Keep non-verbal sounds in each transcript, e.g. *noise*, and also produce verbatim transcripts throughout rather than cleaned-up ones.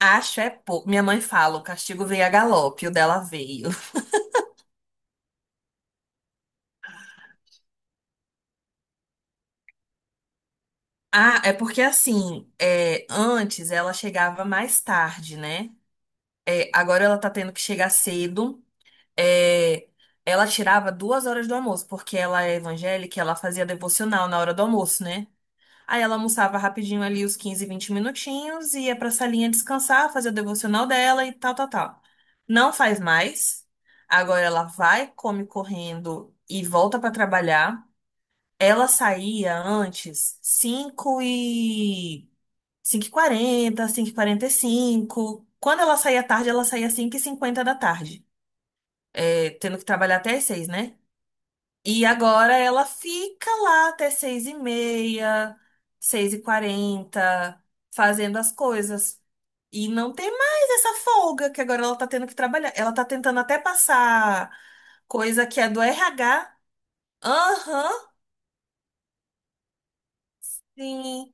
Acho é pouco. Minha mãe fala, o castigo veio a galope, o dela veio. *laughs* Ah, é porque assim, é, antes ela chegava mais tarde, né? É, agora ela tá tendo que chegar cedo. É, ela tirava duas horas do almoço, porque ela é evangélica, ela fazia devocional na hora do almoço, né? Aí ela almoçava rapidinho ali os quinze, vinte minutinhos, ia pra salinha descansar, fazer o devocional dela e tal, tal, tal. Não faz mais. Agora ela vai, come correndo e volta pra trabalhar. Ela saía antes cinco e cinco e quarenta, quarenta cinco e quarenta e cinco. Quando ela saía tarde, ela saía cinco e cinquenta da tarde, é, tendo que trabalhar até as seis, né? E agora ela fica lá até seis e meia, seis e quarenta, fazendo as coisas. E não tem mais essa folga que agora ela tá tendo que trabalhar. Ela tá tentando até passar coisa que é do R H. Aham, sim.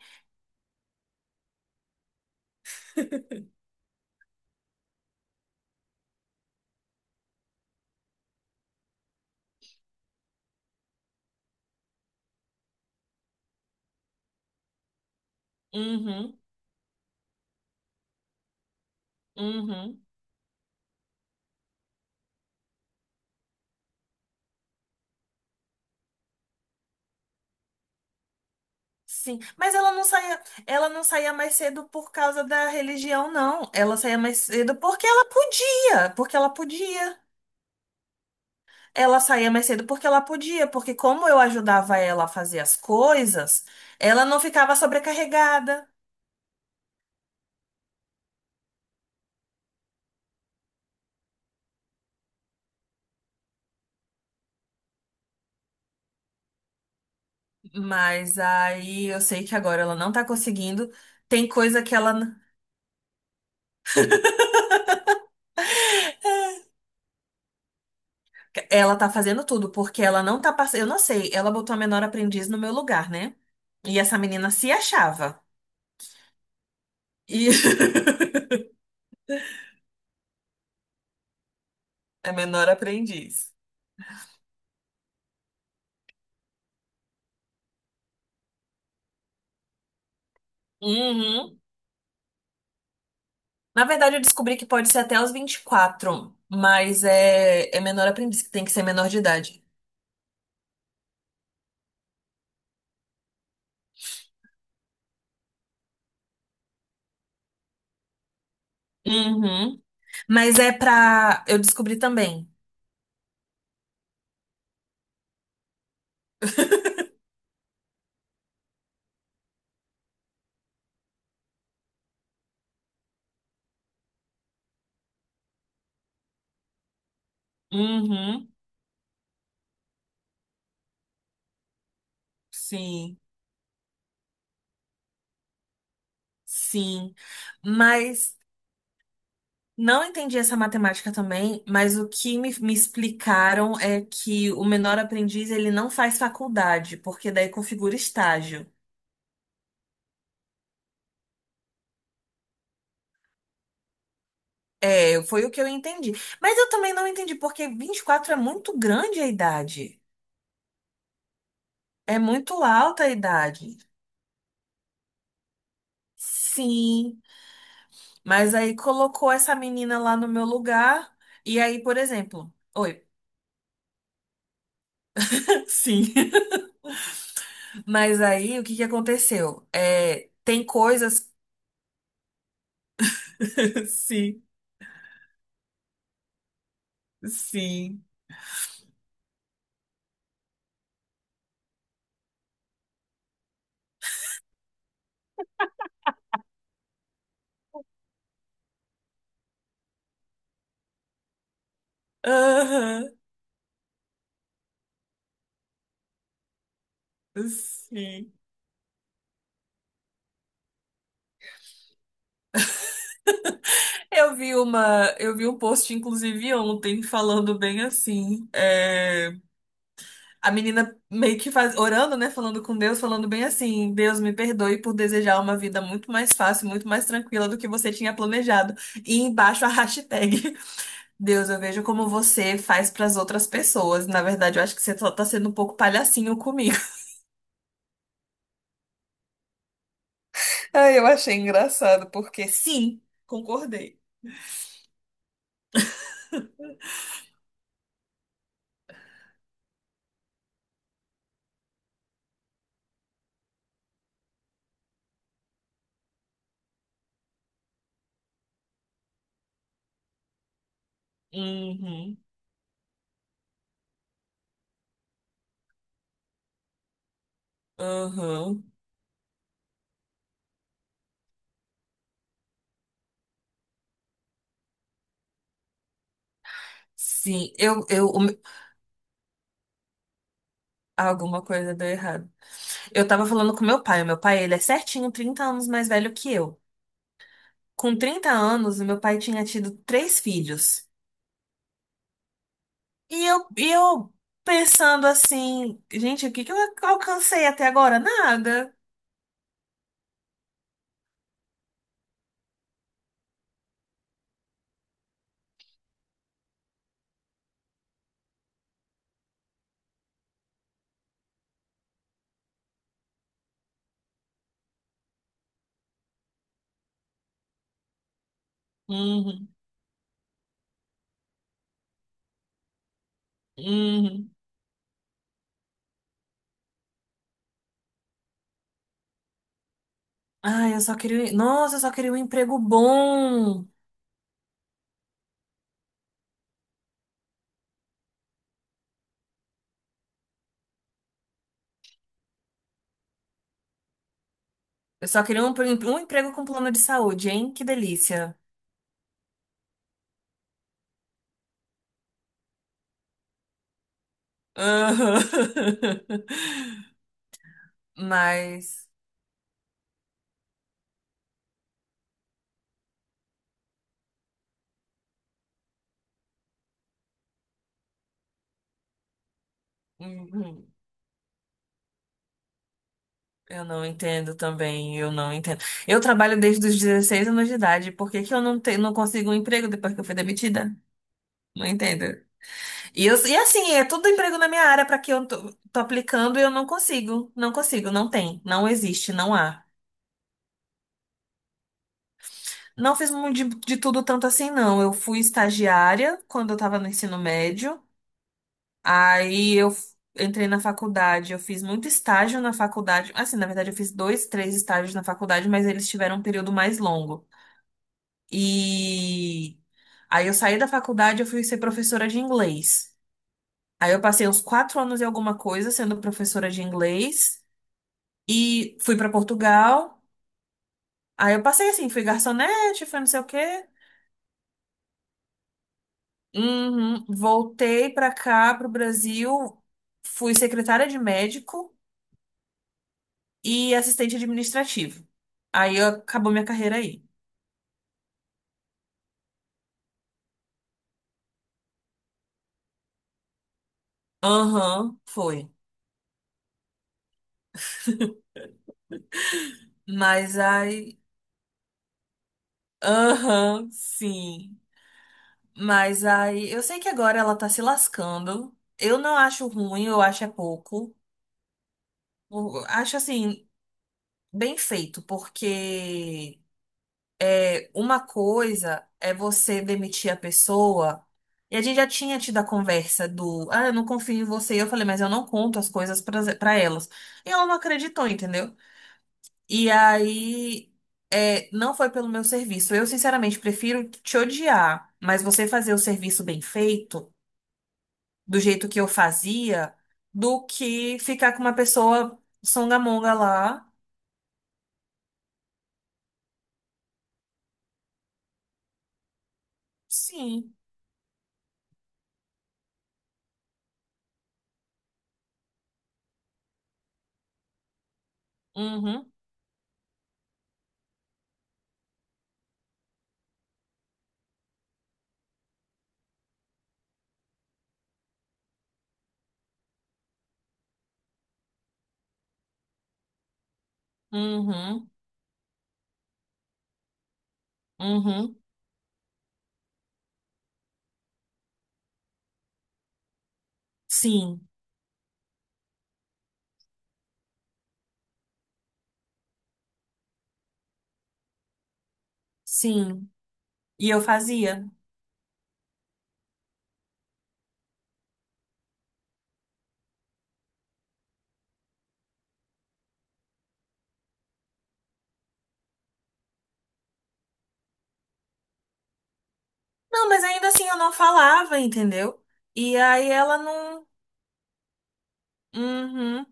Uhum, uhum. Sim, mas ela não saía, ela não saía mais cedo por causa da religião, não. Ela saía mais cedo porque ela podia, porque ela podia. Ela saía mais cedo porque ela podia, porque como eu ajudava ela a fazer as coisas, ela não ficava sobrecarregada. Mas aí eu sei que agora ela não tá conseguindo. Tem coisa que ela que ela tá fazendo tudo, porque ela não tá passando, eu não sei, ela botou a menor aprendiz no meu lugar, né? E essa menina se achava. E *laughs* é menor aprendiz. Uhum. Na verdade, eu descobri que pode ser até os vinte e quatro, mas é, é menor aprendiz, que tem que ser menor de idade. Uhum. Mas é pra. Eu descobri também. Uhum, sim, sim. Mas não entendi essa matemática também, mas o que me, me explicaram é que o menor aprendiz ele não faz faculdade, porque daí configura estágio. É, foi o que eu entendi. Mas eu também não entendi, porque vinte e quatro é muito grande a idade. É muito alta a idade. Sim, mas aí colocou essa menina lá no meu lugar. E aí, por exemplo. Oi, sim. *laughs* Mas aí, o que que aconteceu? É, tem coisas. *laughs* Sim, sim. Aham, sim. Eu vi uma, eu vi um post, inclusive, ontem, falando bem assim. É, a menina meio que faz, orando, né? Falando com Deus, falando bem assim, Deus me perdoe por desejar uma vida muito mais fácil, muito mais tranquila do que você tinha planejado. E embaixo a hashtag. Deus, eu vejo como você faz para as outras pessoas. Na verdade, eu acho que você só tá sendo um pouco palhacinho comigo. *laughs* Ah, eu achei engraçado, porque sim, concordei. Uhum, uhum. Sim, eu, eu, o me- alguma coisa deu errado. Eu tava falando com meu pai. O meu pai, ele é certinho trinta anos mais velho que eu. Com trinta anos, o meu pai tinha tido três filhos. E eu, e eu pensando assim, gente, o que que eu alcancei até agora? Nada. Uhum, uhum. Ai, eu só queria. Nossa, eu só queria um emprego bom. Eu só queria um, um um emprego com plano de saúde, hein? Que delícia. Aham. *laughs* Mas. Uhum, eu não entendo também, eu não entendo. Eu trabalho desde os dezesseis anos de idade, por que que eu não, te, não consigo um emprego depois que eu fui demitida? Não entendo. E, eu, e assim, é tudo emprego na minha área para que eu tô, tô aplicando e eu não consigo, não consigo, não tem, não existe, não há. Não fiz muito de, de tudo tanto assim, não. Eu fui estagiária quando eu estava no ensino médio. Aí eu f- entrei na faculdade. Eu fiz muito estágio na faculdade. Assim, na verdade, eu fiz dois, três estágios na faculdade, mas eles tiveram um período mais longo. E aí eu saí da faculdade, eu fui ser professora de inglês. Aí eu passei uns quatro anos e alguma coisa sendo professora de inglês. E fui para Portugal. Aí eu passei assim, fui garçonete, fui não sei o quê. Uhum. Voltei para cá, para o Brasil, fui secretária de médico e assistente administrativo. Aí acabou minha carreira aí. Aham, foi. Mas aí. Aham, sim. Mas aí. Eu sei que agora ela tá se lascando. Eu não acho ruim, eu acho é pouco. Eu acho assim, bem feito, porque É, uma coisa é você demitir a pessoa. E a gente já tinha tido a conversa do, ah, eu não confio em você. Eu falei, mas eu não conto as coisas pra pra elas. E ela não acreditou, entendeu? E aí, é, não foi pelo meu serviço. Eu, sinceramente, prefiro te odiar, mas você fazer o serviço bem feito, do jeito que eu fazia, do que ficar com uma pessoa songamonga lá. Sim. Uhum. Uhum. Uhum. Sim. Sim. E eu fazia. Não, mas ainda assim eu não falava, entendeu? E aí ela não. Uhum,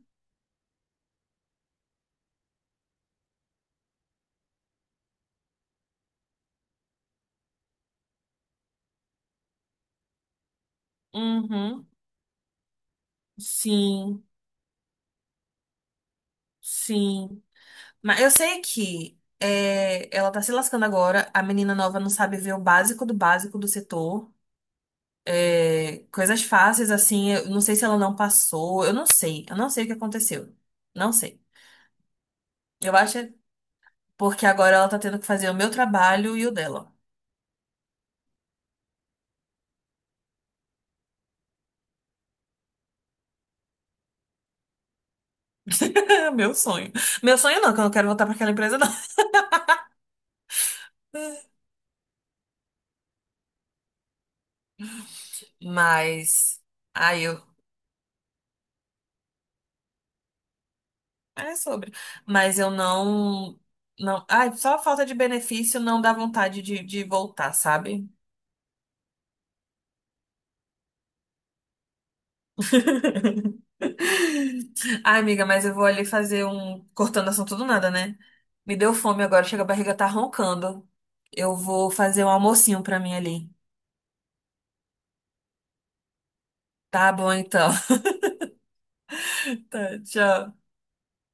uhum. Sim, sim. Mas eu sei que é, ela tá se lascando agora. A menina nova não sabe ver o básico do básico do setor. É, coisas fáceis, assim. Eu não sei se ela não passou. Eu não sei. Eu não sei o que aconteceu. Não sei. Eu acho é porque agora ela tá tendo que fazer o meu trabalho e o dela. *laughs* Meu sonho. Meu sonho não, que eu não quero voltar pra aquela empresa, não. Mas aí eu é sobre, mas eu não não, ai, só a falta de benefício não dá vontade de, de voltar, sabe? *laughs* Ai, amiga, mas eu vou ali fazer um cortando assunto do nada, né? Me deu fome agora, chega a barriga tá roncando. Eu vou fazer um almocinho pra mim ali. Tá bom então. *laughs* Tá, tchau.